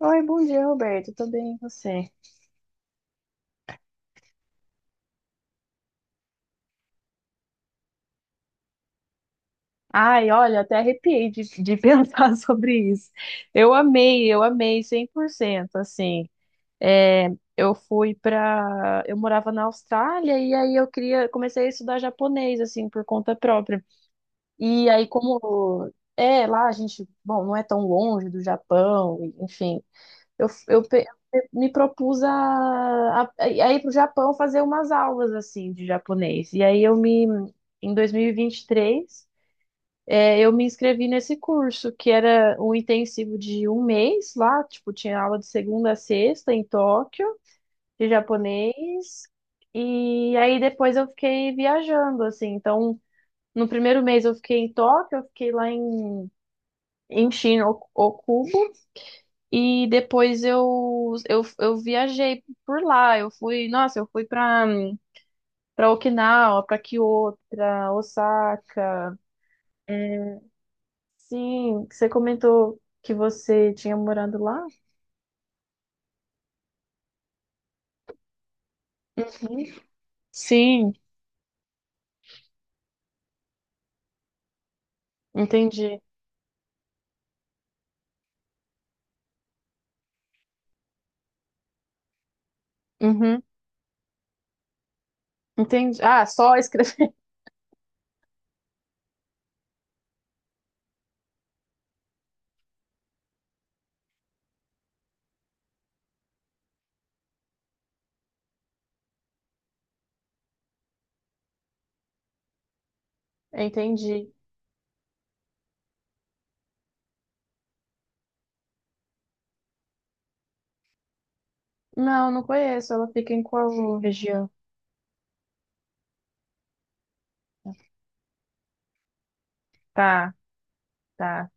Oi, bom dia, Roberto. Tudo bem, e você? Ai, olha, até arrepiei de pensar sobre isso. Eu amei 100%, assim. É, eu fui pra... Eu morava na Austrália e aí eu queria... Comecei a estudar japonês, assim, por conta própria. E aí, como... É, lá a gente... Bom, não é tão longe do Japão, enfim. Eu, eu pe- Me propus a ir para o Japão fazer umas aulas assim de japonês. Em 2023, eu me inscrevi nesse curso, que era um intensivo de um mês lá, tipo, tinha aula de segunda a sexta em Tóquio, de japonês. E aí depois eu fiquei viajando, assim. Então, no primeiro mês eu fiquei em Tóquio, eu fiquei lá em Shin, Ok- Oku, e depois eu viajei por lá. Eu fui, nossa, eu fui pra Okinawa, pra Kyoto, pra Osaka. É, sim, você comentou que você tinha morando lá? Uhum. Sim, entendi. Uhum, entendi. Ah, só escrever. Entendi. Não, não conheço. Ela fica em qual região? Tá, tá.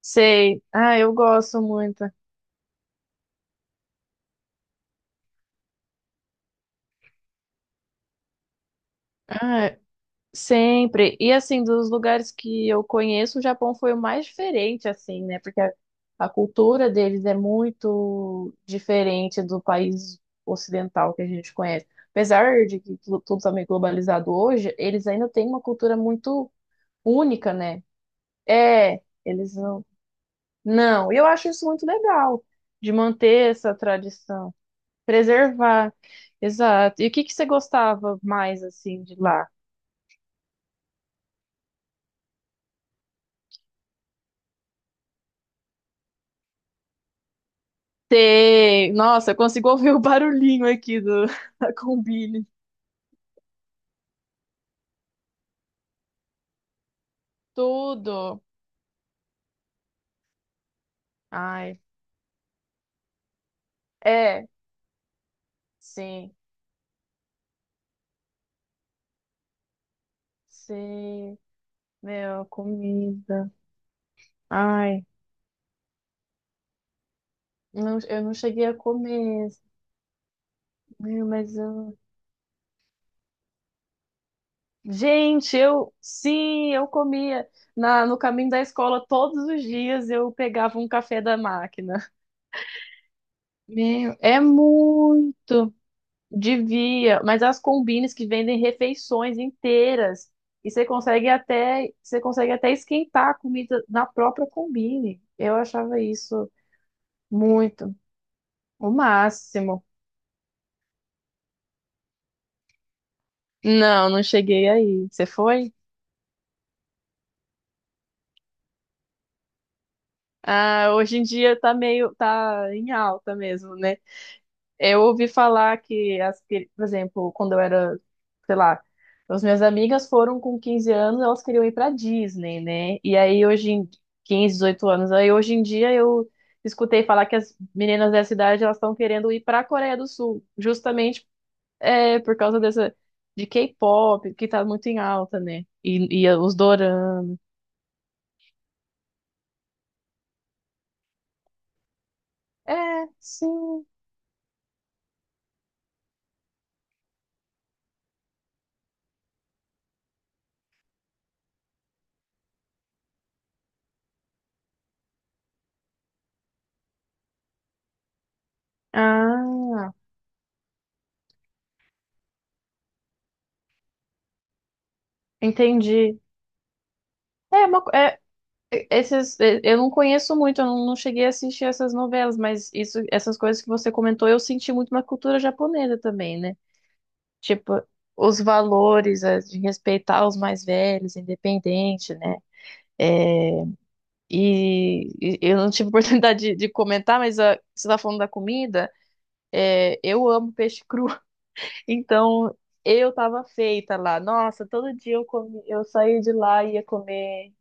Sei. Ah, eu gosto muito. Ah, sempre. E assim, dos lugares que eu conheço, o Japão foi o mais diferente, assim, né? Porque a cultura deles é muito diferente do país ocidental que a gente conhece. Apesar de que tu- tudo tá meio globalizado hoje, eles ainda têm uma cultura muito única, né? É, eles não. Não, e eu acho isso muito legal, de manter essa tradição, preservar. Exato. E o que que você gostava mais, assim, de lá? Tem. Nossa, eu consigo ouvir o barulhinho aqui do, da Combine. Tudo. Ai. É, sim. Sim. Meu, comida. Ai. Não, eu não cheguei a comer. Meu, mas eu. Gente, eu. Sim, eu comia. Na, no caminho da escola, todos os dias eu pegava um café da máquina. Meu, é muito. Devia, mas as combines que vendem refeições inteiras e você consegue até esquentar a comida na própria combine. Eu achava isso muito, o máximo. Não, não cheguei aí. Você foi? Ah, hoje em dia tá em alta mesmo, né? Eu ouvi falar que, por exemplo, quando eu era, sei lá, as minhas amigas foram com 15 anos, elas queriam ir pra Disney, né? E aí hoje em 15, 18 anos, aí hoje em dia eu escutei falar que as meninas dessa idade elas estão querendo ir pra Coreia do Sul, justamente é, por causa dessa de K-pop, que tá muito em alta, né? E os doramas. É, sim. Ah, entendi. É uma, co- é, Esses, eu não conheço muito, eu não não cheguei a assistir essas novelas, mas isso, essas coisas que você comentou, eu senti muito na cultura japonesa também, né? Tipo, os valores de respeitar os mais velhos, independente, né? Eh, e eu não tive oportunidade de comentar, mas ah, você está falando da comida, eu amo peixe cru. Então, eu tava feita lá. Nossa, todo dia eu comi, eu saía de lá e ia comer,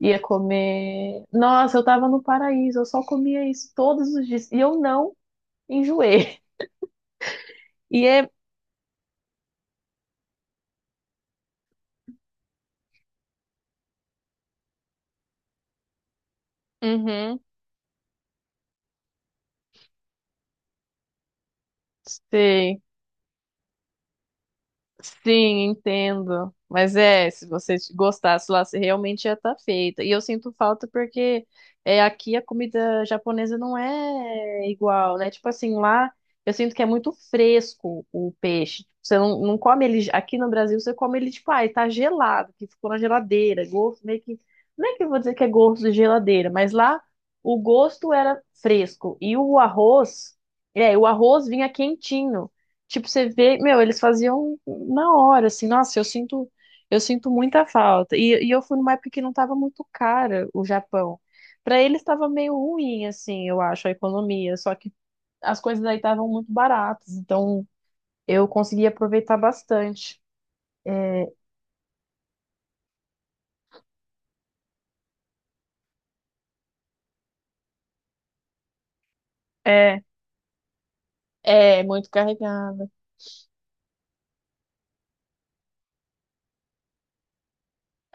ia comer. Nossa, eu tava no paraíso, eu só comia isso todos os dias e eu não enjoei. E é, uhum, sei. Sim, entendo. Mas é, se você gostasse lá, você realmente ia estar feita. E eu sinto falta porque é, aqui a comida japonesa não é igual, né? Tipo assim, lá eu sinto que é muito fresco o peixe. Você não, não come ele. Aqui no Brasil, você come ele, tipo, ah, tá gelado, que ficou na geladeira. Gosto meio que. Não é que eu vou dizer que é gosto de geladeira, mas lá o gosto era fresco. E o arroz, é, o arroz vinha quentinho. Tipo, você vê, meu, eles faziam na hora, assim, nossa, eu sinto muita falta. E eu fui numa época que não tava muito cara o Japão. Pra eles estava meio ruim, assim, eu acho, a economia. Só que as coisas aí estavam muito baratas, então eu consegui aproveitar bastante. É, é, é muito carregada.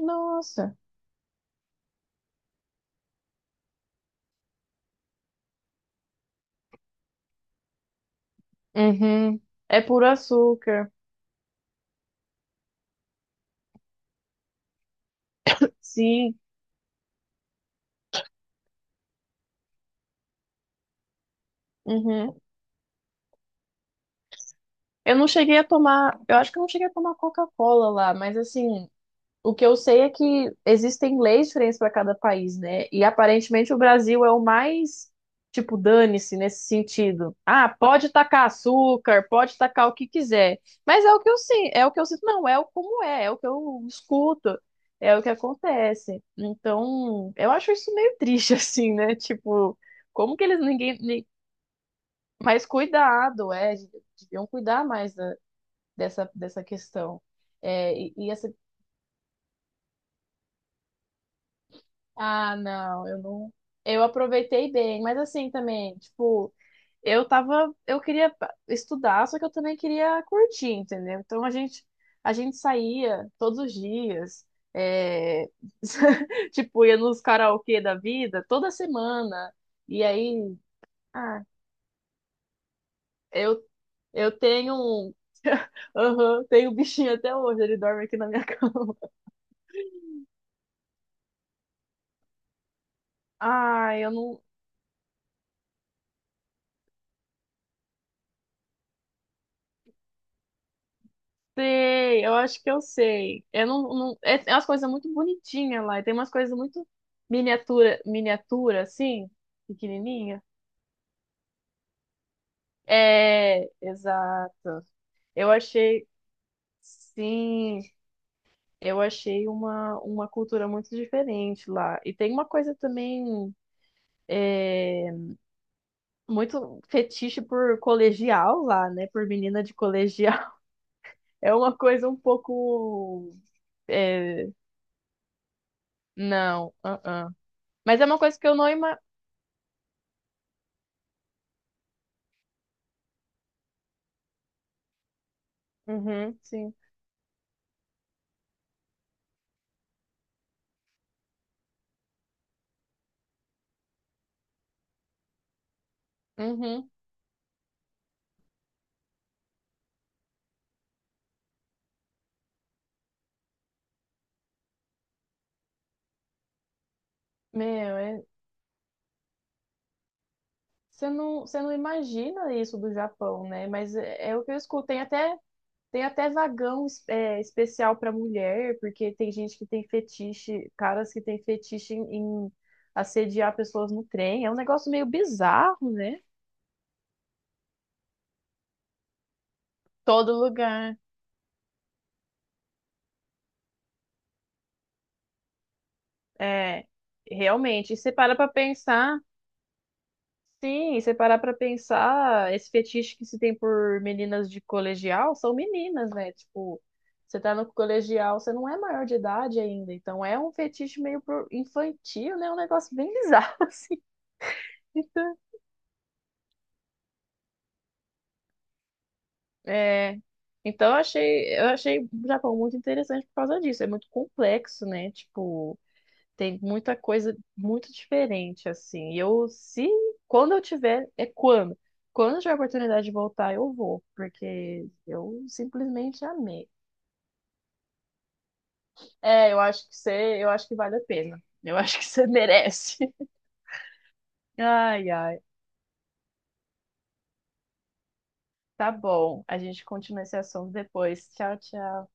Nossa. Uhum. É puro açúcar. Sim. Uhum. Eu não cheguei a tomar, eu acho que eu não cheguei a tomar Coca-Cola lá, mas assim, o que eu sei é que existem leis diferentes para cada país, né? E aparentemente o Brasil é o mais, tipo, dane-se nesse sentido. Ah, pode tacar açúcar, pode tacar o que quiser. Mas é o que eu sinto, é o que eu sinto, não, é o como é, é o que eu escuto, é o que acontece. Então, eu acho isso meio triste, assim, né? Tipo, como que eles ninguém. Ni- Mas cuidado, é, deviam cuidar mais da- dessa, dessa questão. E essa Ah, não, eu não. Eu aproveitei bem, mas assim também, tipo, eu tava, eu queria pa- estudar, só que eu também queria curtir, entendeu? Então a gente saía todos os dias, é, tipo, ia nos karaokê da vida toda semana. E aí, ah, eu, eu tenho um, aham, tenho um bichinho até hoje, ele dorme aqui na minha cama. Ah, eu não. Sei, eu acho que eu sei. Eu não, não, é, é umas coisas muito bonitinhas lá. E tem umas coisas muito miniatura, miniatura, assim, pequenininha. É, exato. Eu achei, sim, eu achei uma cultura muito diferente lá. E tem uma coisa também muito fetiche por colegial lá, né? Por menina de colegial. É uma coisa um pouco. É, não, uh-uh. Mas é uma coisa que eu não imagino. Uhum, sim. Uhum. Meu, é- você não imagina isso do Japão, né? Mas é, é o que eu escuto. Tem até vagão es- é, especial para mulher, porque tem gente que tem fetiche, caras que tem fetiche em assediar pessoas no trem. É um negócio meio bizarro, né? Todo lugar. É, realmente. E você para pra pensar. Sim, e você parar pra pensar, esse fetiche que se tem por meninas de colegial são meninas, né? Tipo, você tá no colegial, você não é maior de idade ainda, então é um fetiche meio pro- infantil, né? É um negócio bem bizarro, assim. Então, é, então eu achei o Japão muito interessante por causa disso. É muito complexo, né? Tipo, tem muita coisa muito diferente, assim. E eu, se, quando eu tiver, é quando. Quando eu tiver a oportunidade de voltar, eu vou, porque eu simplesmente amei. É, eu acho que você, eu acho que vale a pena. Eu acho que você merece. Ai, ai. Tá bom. A gente continua esse assunto depois. Tchau, tchau.